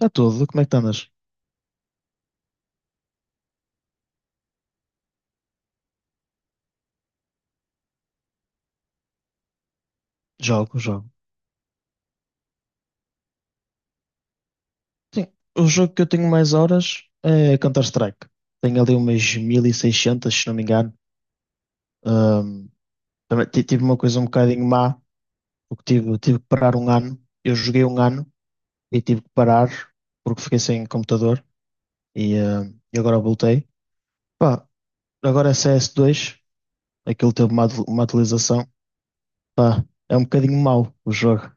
Está tudo, como é que tu andas? Jogo, jogo. Sim, o jogo que eu tenho mais horas é Counter-Strike. Tenho ali umas 1600 se não me engano. Ahm, Também tive uma coisa um bocadinho má, porque tive que parar um ano. Eu joguei um ano e tive que parar porque fiquei sem computador e agora voltei. Pá, agora é CS2, aquilo teve uma atualização. Pá, é um bocadinho mau o jogo.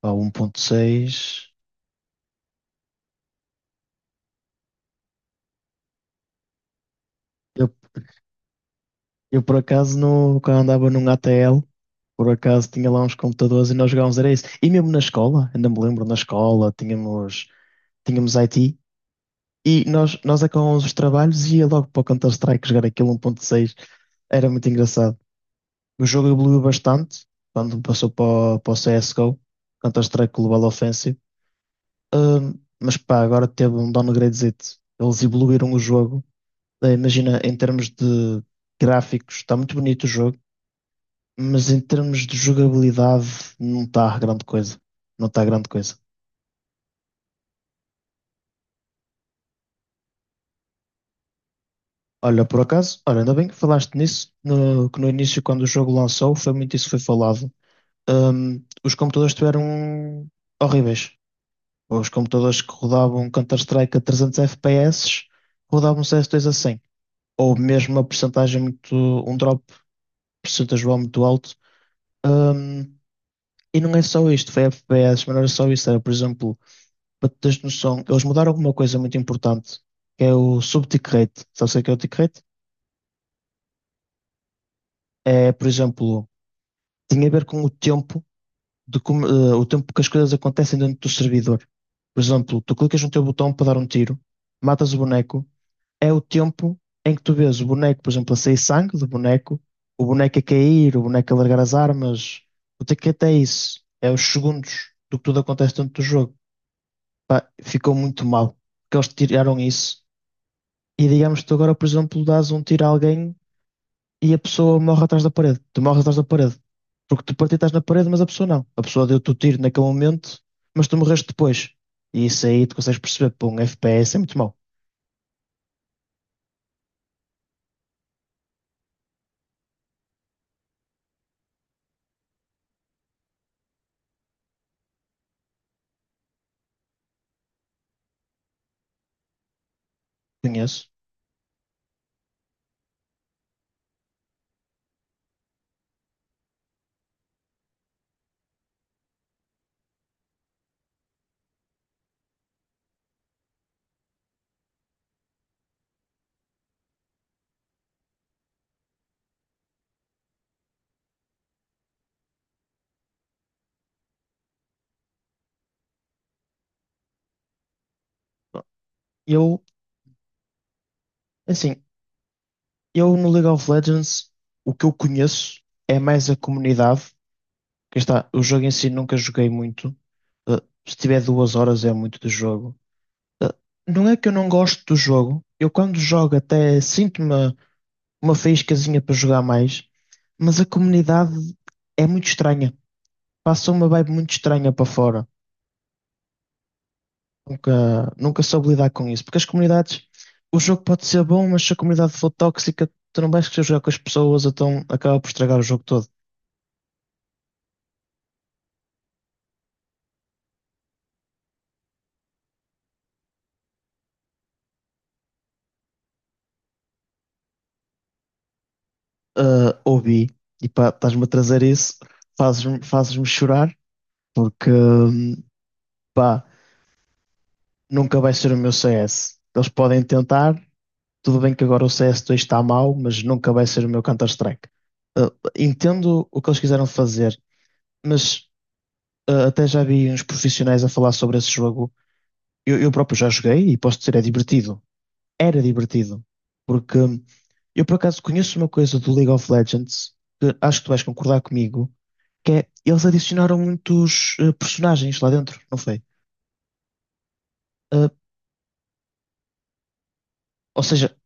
Pá, 1.6. Eu por acaso no, quando andava num ATL, por acaso tinha lá uns computadores e nós jogávamos, era isso. E mesmo na escola, ainda me lembro, na escola tínhamos IT e nós acabávamos os trabalhos e ia logo para o Counter-Strike jogar aquilo 1.6. Era muito engraçado. O jogo evoluiu bastante quando passou para o CSGO, Counter-Strike Global Offensive. Ahm, mas pá, agora teve um downgradezito. Eles evoluíram o jogo. Imagina, em termos de gráficos, está muito bonito o jogo, mas em termos de jogabilidade não está grande coisa. Não está grande coisa. Olha, por acaso, olha, ainda bem que falaste nisso, que no início, quando o jogo lançou, foi muito isso que foi falado. Os computadores estiveram horríveis. Os computadores que rodavam Counter-Strike a 300 FPS rodavam CS2 a 100. Ou mesmo uma percentagem muito, um drop percentual muito alto. Hum, e não é só isto, foi FPS, mas não era só isso. Era, por exemplo, para tu teres noção, eles mudaram alguma coisa muito importante, que é o sub-tick rate. Sabes o que é o tick rate? É, por exemplo, tem a ver com o tempo de como, o tempo que as coisas acontecem dentro do servidor. Por exemplo, tu clicas no teu botão para dar um tiro, matas o boneco, é o tempo em que tu vês o boneco, por exemplo, a sair sangue do boneco, o boneco a cair, o boneco a largar as armas. O tick rate é isso, é os segundos do que tudo acontece dentro do jogo. Pá, ficou muito mal, porque eles tiraram isso. E digamos que tu agora, por exemplo, dás um tiro a alguém e a pessoa morre atrás da parede. Tu morres atrás da parede. Porque tu partiste na parede, mas a pessoa não. A pessoa deu-te o tiro naquele momento, mas tu morreste depois. E isso aí tu consegues perceber, pô, um FPS é muito mau. Conheço. Eu, assim, eu no League of Legends, o que eu conheço é mais a comunidade. Que está, o jogo em si nunca joguei muito. Se tiver 2 horas é muito do jogo. Ah, Não é que eu não gosto do jogo. Eu quando jogo até sinto-me uma faíscazinha para jogar mais, mas a comunidade é muito estranha. Passa uma vibe muito estranha para fora. Nunca soube lidar com isso, porque as comunidades, o jogo pode ser bom, mas se a comunidade for tóxica, tu não vais querer jogar com as pessoas, então acaba por estragar o jogo todo. Ah, ouvi, e pá, estás-me a trazer isso, fazes-me chorar, porque pá, nunca vai ser o meu CS. Eles podem tentar. Tudo bem que agora o CS2 está mal, mas nunca vai ser o meu Counter-Strike. Uh, Entendo o que eles quiseram fazer, mas até já vi uns profissionais a falar sobre esse jogo. Eu próprio já joguei e posso dizer, é divertido. Era divertido. Porque eu, por acaso, conheço uma coisa do League of Legends, que acho que tu vais concordar comigo, que é eles adicionaram muitos personagens lá dentro, não foi? Uh, ou seja,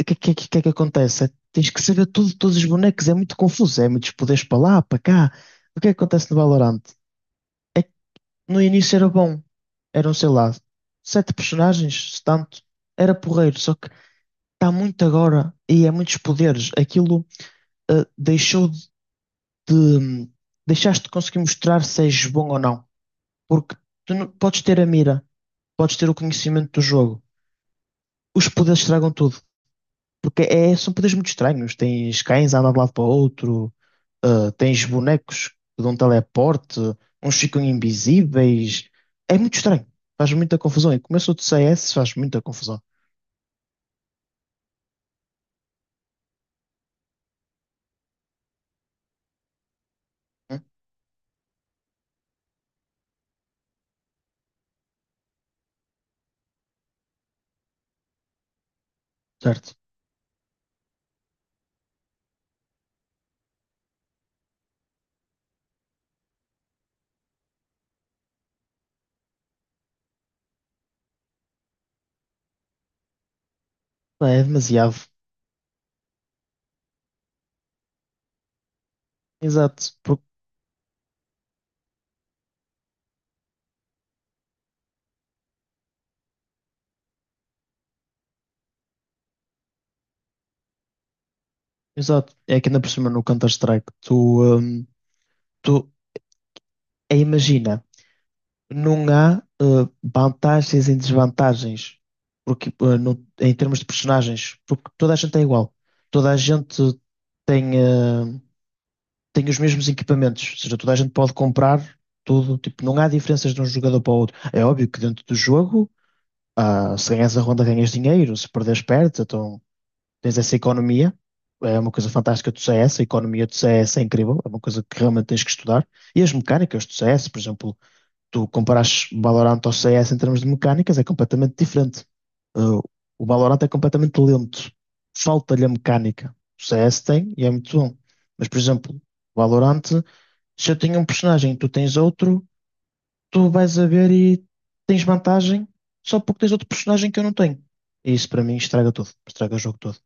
o que é que acontece? É, tens que saber tudo, de todos os bonecos, é muito confuso, é muitos poderes para lá, para cá. O que é que acontece no Valorant? No início era bom, eram, sei lá, sete personagens, se tanto, era porreiro, só que está muito agora e é muitos poderes. Aquilo deixou de. Deixaste de conseguir mostrar se és bom ou não, porque tu não, podes ter a mira, podes ter o conhecimento do jogo, os poderes estragam tudo. Porque são poderes muito estranhos. Tens cães a andar de um lado para o outro, tens bonecos que dão teleporte, uns ficam invisíveis. É muito estranho. Faz muita confusão. E começou de CS, faz muita confusão. Hum? Certo. Não, é demasiado. Exato. Exato. É que ainda por cima no Counter-Strike, hum, tu imagina. Não há vantagens e desvantagens porque, em termos de personagens, porque toda a gente é igual. Toda a gente tem, eh, tem os mesmos equipamentos, ou seja, toda a gente pode comprar tudo. Tipo, não há diferenças de um jogador para o outro. É óbvio que dentro do jogo, se ganhas a ronda, ganhas dinheiro, se perderes, perdes, então tens essa economia. É uma coisa fantástica do CS, a economia do CS é incrível, é uma coisa que realmente tens que estudar. E as mecânicas do CS, por exemplo, tu comparas Valorant ao CS em termos de mecânicas, é completamente diferente. Uh, o Valorant é completamente lento, falta-lhe a mecânica. O CS tem e é muito bom. Mas, por exemplo, o Valorant, se eu tenho um personagem e tu tens outro, tu vais a ver e tens vantagem só porque tens outro personagem que eu não tenho. E isso para mim estraga tudo, estraga o jogo todo.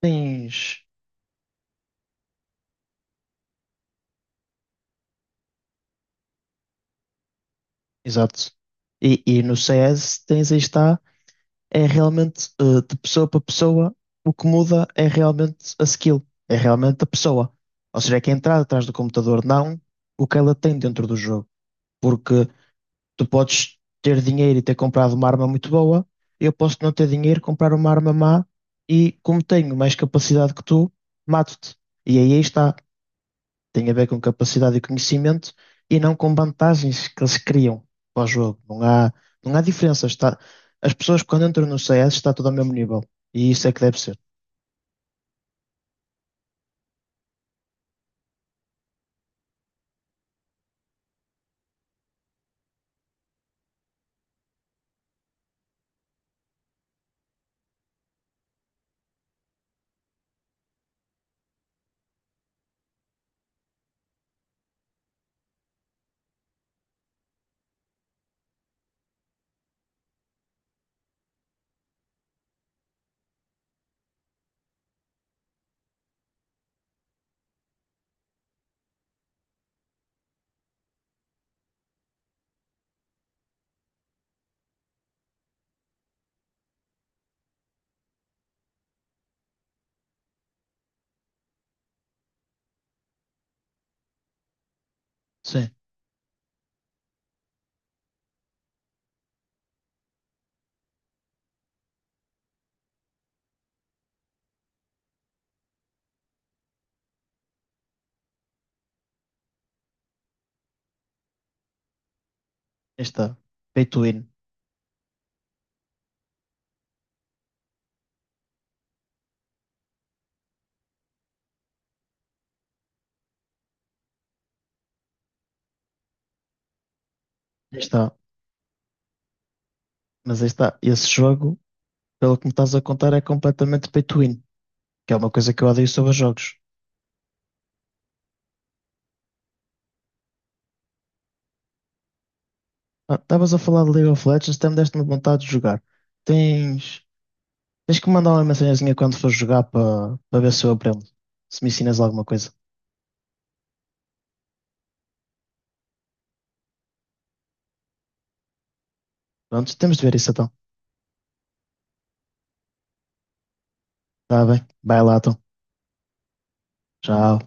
Tens. Exato. E no CS tens aí está é realmente de pessoa para pessoa, o que muda é realmente a skill, é realmente a pessoa. Ou seja, é que a entrada atrás do computador, não o que ela tem dentro do jogo. Porque tu podes ter dinheiro e ter comprado uma arma muito boa, eu posso não ter dinheiro, comprar uma arma má e, como tenho mais capacidade que tu, mato-te. E aí está. Tem a ver com capacidade e conhecimento e não com vantagens que eles criam para o jogo. Não há, não há diferença. Está, as pessoas quando entram no CS está tudo ao mesmo nível. E isso é que deve ser. Sim, aí está. Pay to win. Aí está. Mas aí está. Esse jogo, pelo que me estás a contar, é completamente pay to win, que é uma coisa que eu odeio sobre os jogos. Ah, estavas a falar de League of Legends, até me deste-me vontade de jogar. Tens, tens que me mandar uma mensagenzinha quando for jogar para ver se eu aprendo. Se me ensinas alguma coisa. Pronto, temos de ver isso então. Tá bem. Vai lá, então. Tchau.